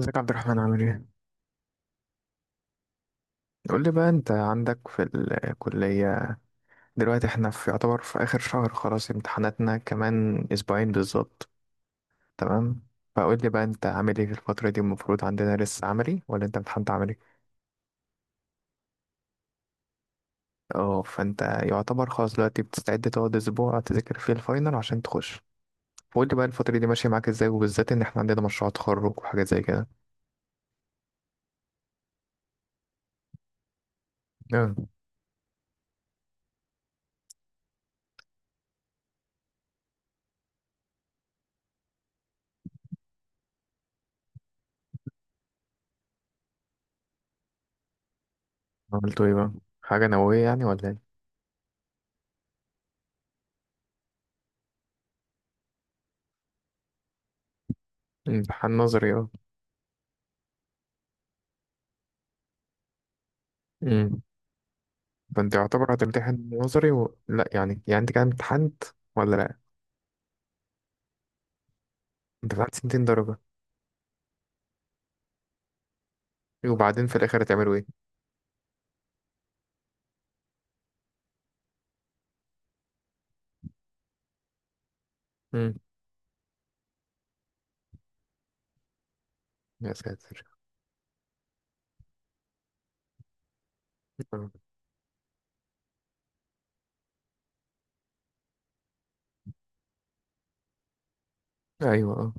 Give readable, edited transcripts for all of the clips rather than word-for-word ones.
ازيك يا عبد الرحمن؟ عامل ايه؟ قول لي بقى، انت عندك في الكلية دلوقتي احنا في يعتبر في آخر شهر، خلاص امتحاناتنا كمان أسبوعين بالظبط، تمام؟ فقول لي بقى انت عامل ايه في الفترة دي؟ المفروض عندنا لسه عملي ولا انت امتحنت عملي؟ اه، فانت يعتبر خلاص دلوقتي بتستعد تقعد أسبوع تذاكر فيه الفاينل عشان تخش. فقول لي بقى الفترة دي ماشية معاك ازاي، وبالذات ان احنا عندنا مشروع تخرج وحاجات زي كده. اه. عملتوا ايه بقى؟ حاجة نووية يعني ولا ايه؟ امتحان نظري. اه، فانت يعتبر هتمتحن نظري و... لا يعني يعني انت كده امتحنت ولا لا؟ انت امتحنت 200 درجة؟ وبعدين في الاخر هتعملوا ايه؟ امم. يا ساتر. آه. ايوه، اه.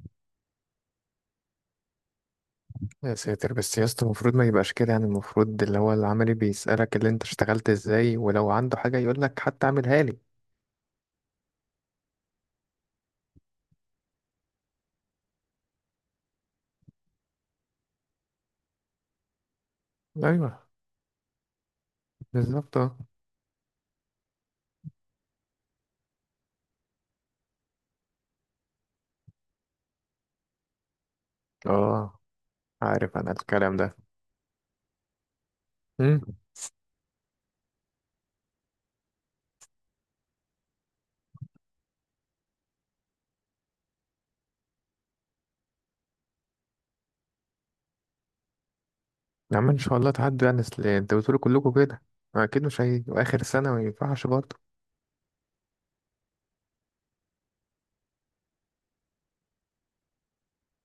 يا ساتر، بس يا اسطى المفروض ما يبقاش كده يعني. المفروض اللي هو العملي بيسألك اللي انت اشتغلت ازاي، ولو عنده حاجة يقول لك حتى اعملها لي. ايوه، بالظبط اه. اه، عارف انا الكلام ده. امم. يا عم ان شاء الله تعدوا يعني، اصل انتوا بتقولوا كلكم كده. اكيد مش هي واخر سنة ما ينفعش برضه.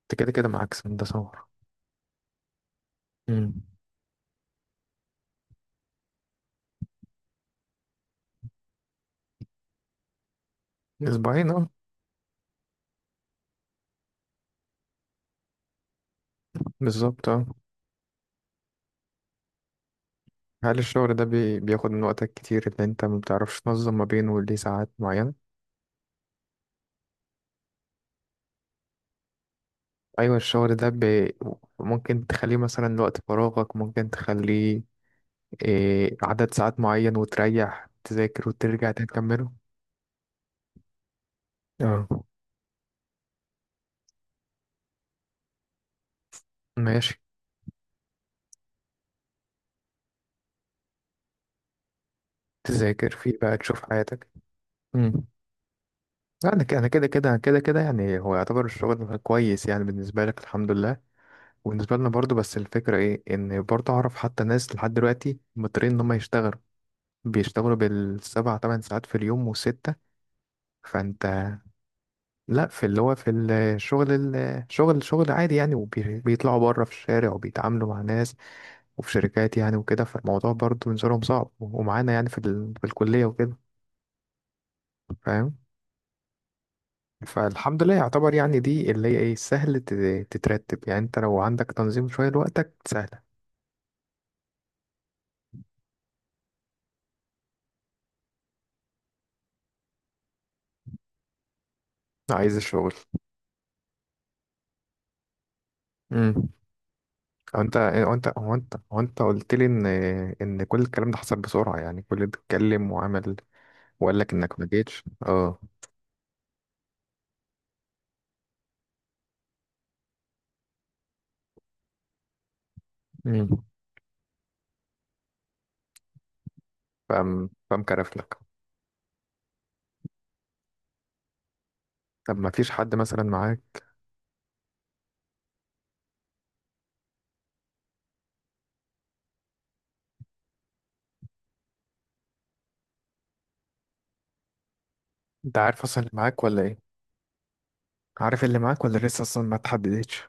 انت كده كده معاك سنة ده صور. امم. اسبوعين. آه. بالظبط اه. هل الشغل ده بياخد من وقتك كتير؟ اللي انت ما بتعرفش تنظم ما بينه ليه ساعات معينة؟ ايوه، الشغل ده ممكن تخليه مثلا وقت فراغك؟ ممكن تخليه عدد ساعات معين وتريح، تذاكر، وترجع تاني تكمله. اه، ماشي. تذاكر فيه بقى، تشوف حياتك. امم. انا كده كده يعني، هو يعتبر الشغل كويس يعني بالنسبه لك، الحمد لله. وبالنسبه لنا برضو. بس الفكره ايه؟ ان برضو اعرف حتى ناس لحد دلوقتي مضطرين ان هم يشتغلوا، بيشتغلوا بالـ7 تمن ساعات في اليوم، وستة. فانت، لا، في اللي هو في الشغل، الشغل شغل عادي يعني، وبيطلعوا بره في الشارع وبيتعاملوا مع ناس وفي شركات يعني وكده. فالموضوع برضه بالنسبة لهم صعب، ومعانا يعني في الكلية وكده، فاهم؟ فالحمد لله يعتبر يعني دي اللي هي ايه، سهل تترتب يعني. انت لو عندك تنظيم شوية لوقتك سهلة. عايز الشغل. امم. هو انت قلت لي ان كل الكلام ده حصل بسرعة يعني، كل اللي اتكلم وعمل وقال لك انك ما جيتش. اه. مم. فقام كرف لك. طب ما فيش حد مثلا معاك؟ انت عارف اصلا اللي معاك ولا ايه؟ عارف اللي معاك، ولا لسه اصلا ما تحددتش؟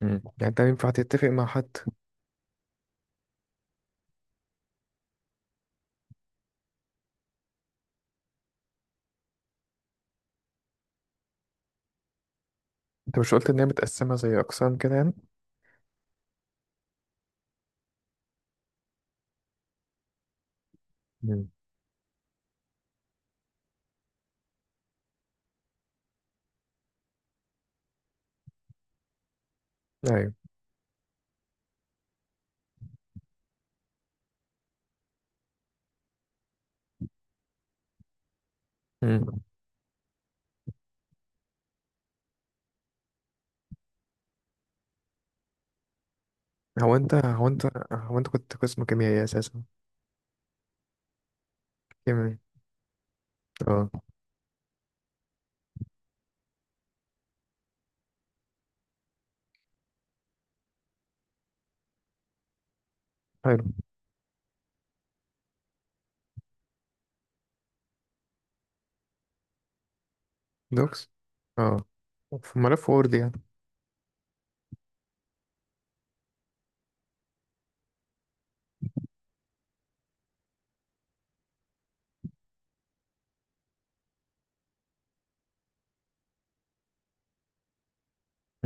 مم. يعني انت ينفع تتفق مع حد. انت مش قلت ان هي متقسمه زي اقسام كده يعني؟ مم. ايوه. مم. هو انت هو انت هو انت كنت قسم كيميائي اساسا؟ كيميائي. اه. حلو. دوكس. اه، في ملف وورد يعني.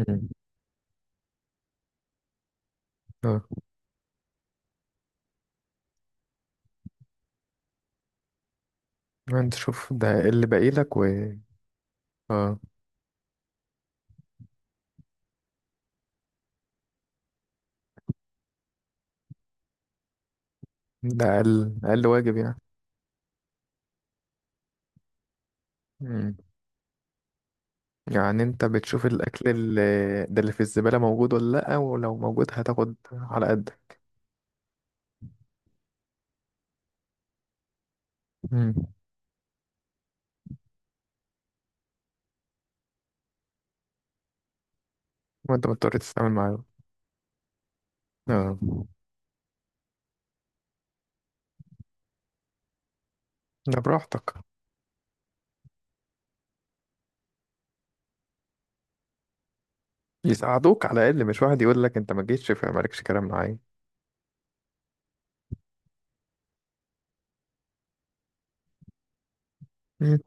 مم. اه، انت شوف ده اللي باقي لك. و اه، ده اقل اقل واجب يعني. مم. يعني انت بتشوف الاكل اللي ده اللي في الزبالة موجود ولا لأ، ولو موجود هتاخد على قدك. مم. وانت مضطر تتعامل معاه. اه، ده براحتك. يساعدوك على الاقل، مش واحد يقول لك انت ما جيتش فمالكش كلام معايا. مم.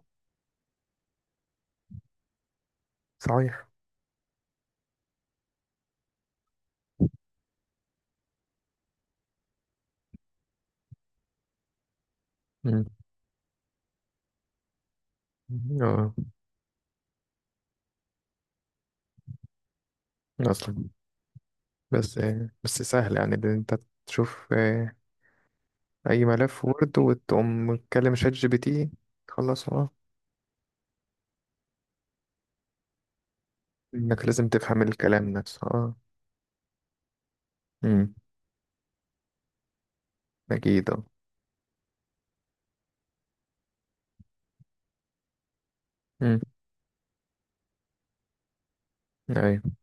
صحيح. مم. اه، اصلا. بس، سهل يعني، ان انت تشوف اي ملف وورد وتقوم تكلم شات جي بي تي، تخلصه. اه، انك لازم تفهم الكلام نفسه. اه. مم. اكيد اه. مم. ايوه.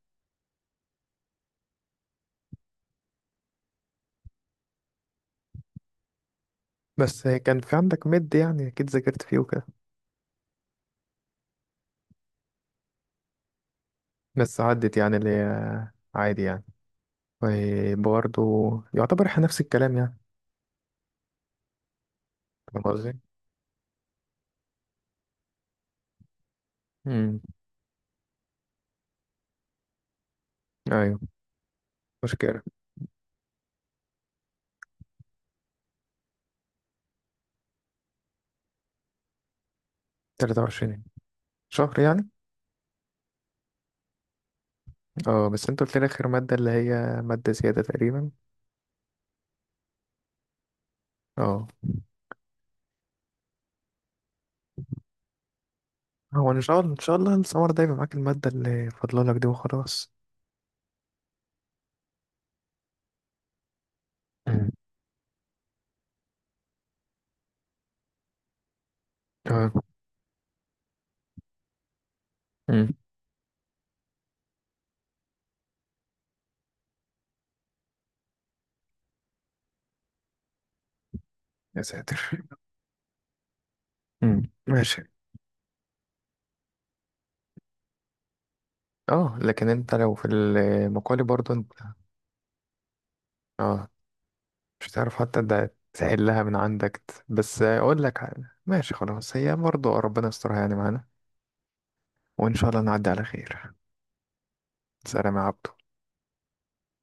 بس كان في عندك مد يعني، أكيد ذاكرت فيه وكده. بس عدت يعني، اللي هي عادي يعني. وبرضه يعتبر إحنا نفس الكلام يعني، فاهم قصدي؟ أمم. أيوه. مشكلة. 23. شهر يعني. اه، بس انت قلت لي آخر مادة اللي هي مادة زيادة تقريبا. اه. هو إن شاء الله إن شاء الله السمر ده يبقى معاك المادة اللي فاضلالك دي وخلاص. مم. اه. أمم. يا ساتر. أمم، ماشي. اه، لكن انت لو في المقالي برضه انت، اه، مش هتعرف. حتى ده تحلها من عندك بس اقول لك حاجة. ماشي، خلاص، هي برضه ربنا يسترها يعني معانا، وان شاء الله نعدي على خير. سلام يا عبدو.